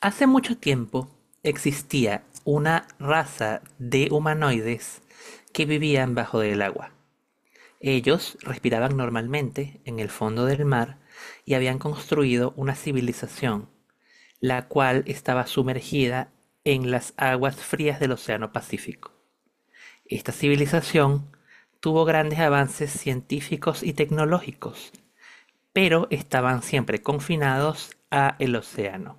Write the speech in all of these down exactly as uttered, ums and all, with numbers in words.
Hace mucho tiempo existía una raza de humanoides que vivían bajo el agua. Ellos respiraban normalmente en el fondo del mar y habían construido una civilización, la cual estaba sumergida en las aguas frías del Océano Pacífico. Esta civilización tuvo grandes avances científicos y tecnológicos, pero estaban siempre confinados a el océano.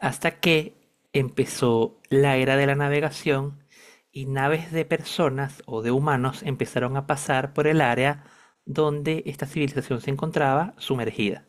Hasta que empezó la era de la navegación y naves de personas o de humanos empezaron a pasar por el área donde esta civilización se encontraba sumergida.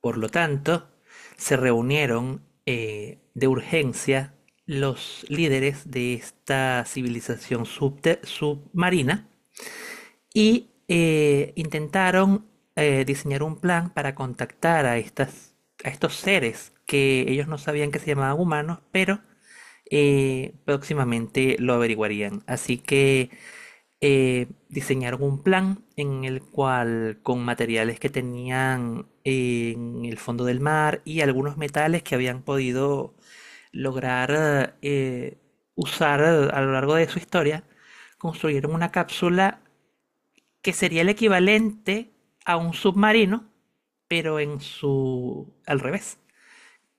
Por lo tanto, se reunieron eh, de urgencia los líderes de esta civilización subte- submarina y eh, intentaron eh, diseñar un plan para contactar a estas, a estos seres que ellos no sabían que se llamaban humanos, pero eh, próximamente lo averiguarían. Así que eh, diseñaron un plan en el cual, con materiales que tenían en el fondo del mar y algunos metales que habían podido lograr eh, usar a lo largo de su historia, construyeron una cápsula que sería el equivalente a un submarino, pero en su al revés,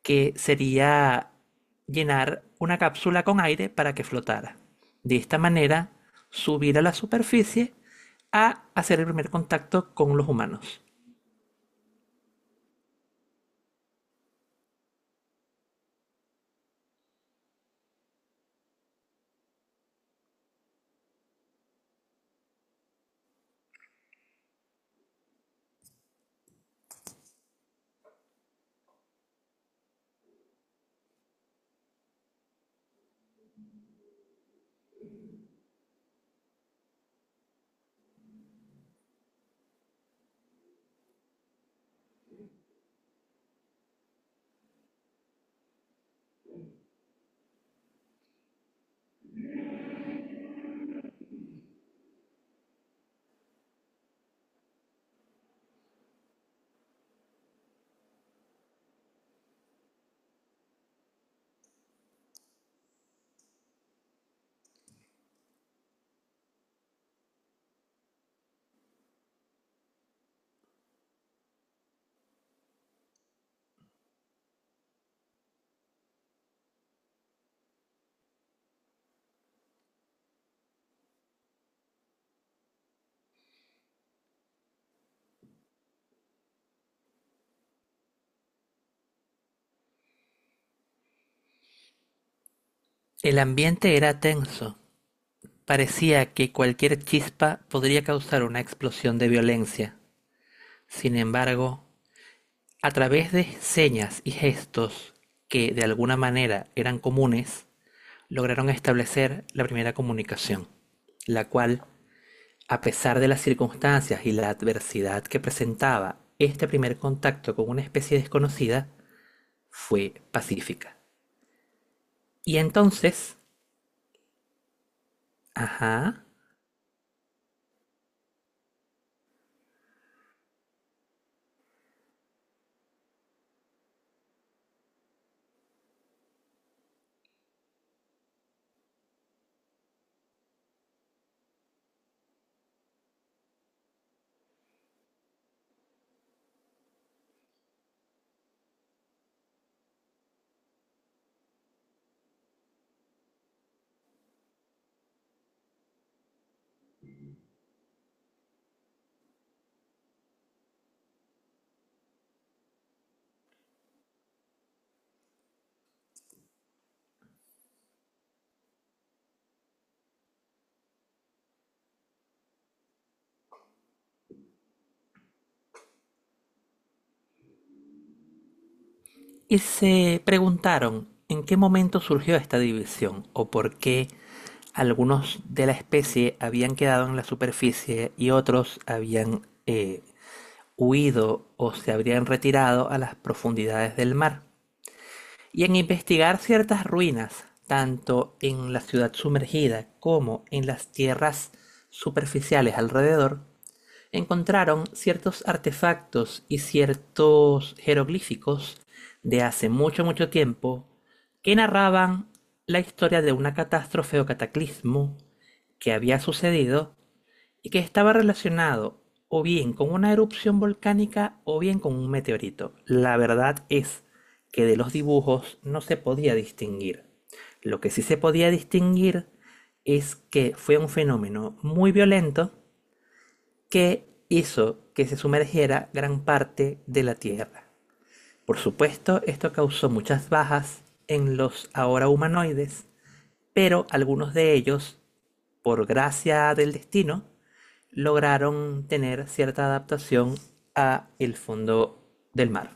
que sería llenar una cápsula con aire para que flotara. De esta manera, subir a la superficie a hacer el primer contacto con los humanos. El ambiente era tenso. Parecía que cualquier chispa podría causar una explosión de violencia. Sin embargo, a través de señas y gestos que de alguna manera eran comunes, lograron establecer la primera comunicación, la cual, a pesar de las circunstancias y la adversidad que presentaba este primer contacto con una especie desconocida, fue pacífica. Y entonces, ajá, y se preguntaron en qué momento surgió esta división o por qué algunos de la especie habían quedado en la superficie y otros habían eh, huido o se habrían retirado a las profundidades del mar. Y en investigar ciertas ruinas, tanto en la ciudad sumergida como en las tierras superficiales alrededor, encontraron ciertos artefactos y ciertos jeroglíficos de hace mucho, mucho tiempo que narraban la historia de una catástrofe o cataclismo que había sucedido y que estaba relacionado o bien con una erupción volcánica o bien con un meteorito. La verdad es que de los dibujos no se podía distinguir. Lo que sí se podía distinguir es que fue un fenómeno muy violento que hizo que se sumergiera gran parte de la Tierra. Por supuesto, esto causó muchas bajas en los ahora humanoides, pero algunos de ellos, por gracia del destino, lograron tener cierta adaptación a el fondo del mar.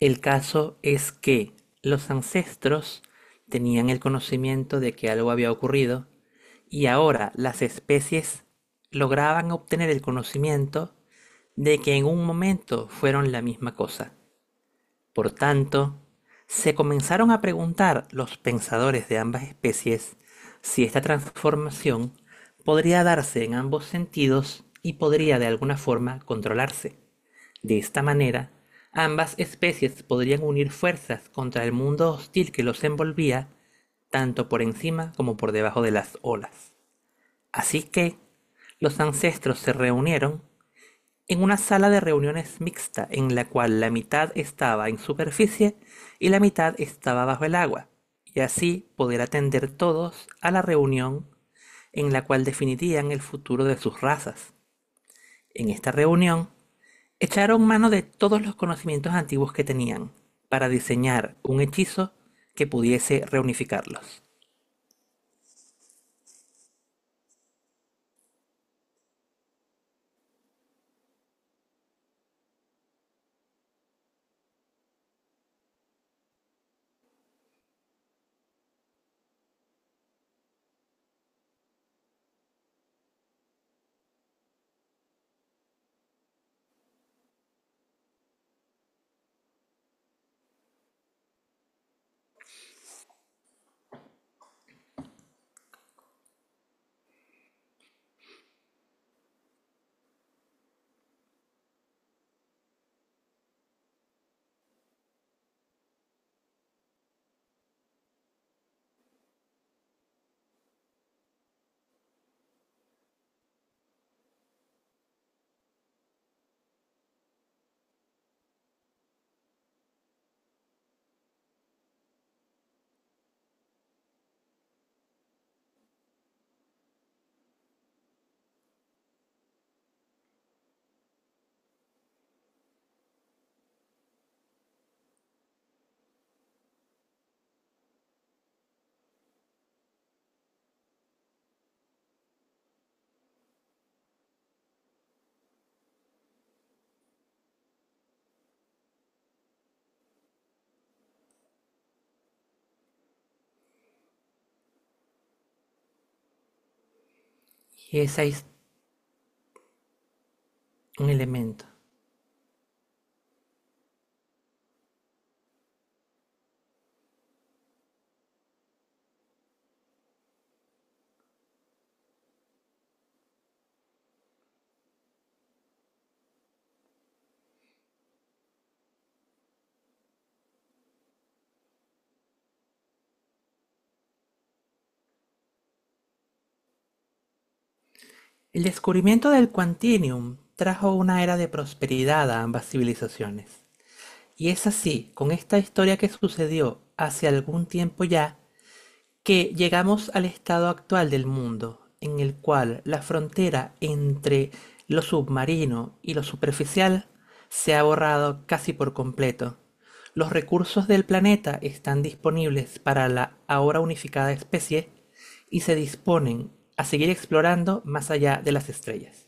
El caso es que los ancestros tenían el conocimiento de que algo había ocurrido, y ahora las especies lograban obtener el conocimiento de que en un momento fueron la misma cosa. Por tanto, se comenzaron a preguntar los pensadores de ambas especies si esta transformación podría darse en ambos sentidos y podría de alguna forma controlarse. De esta manera, ambas especies podrían unir fuerzas contra el mundo hostil que los envolvía, tanto por encima como por debajo de las olas. Así que los ancestros se reunieron en una sala de reuniones mixta en la cual la mitad estaba en superficie y la mitad estaba bajo el agua, y así poder atender todos a la reunión en la cual definirían el futuro de sus razas. En esta reunión, echaron mano de todos los conocimientos antiguos que tenían para diseñar un hechizo que pudiese reunificarlos. Y ese es un elemento. El descubrimiento del Quantinium trajo una era de prosperidad a ambas civilizaciones. Y es así, con esta historia que sucedió hace algún tiempo ya, que llegamos al estado actual del mundo, en el cual la frontera entre lo submarino y lo superficial se ha borrado casi por completo. Los recursos del planeta están disponibles para la ahora unificada especie y se disponen a seguir explorando más allá de las estrellas.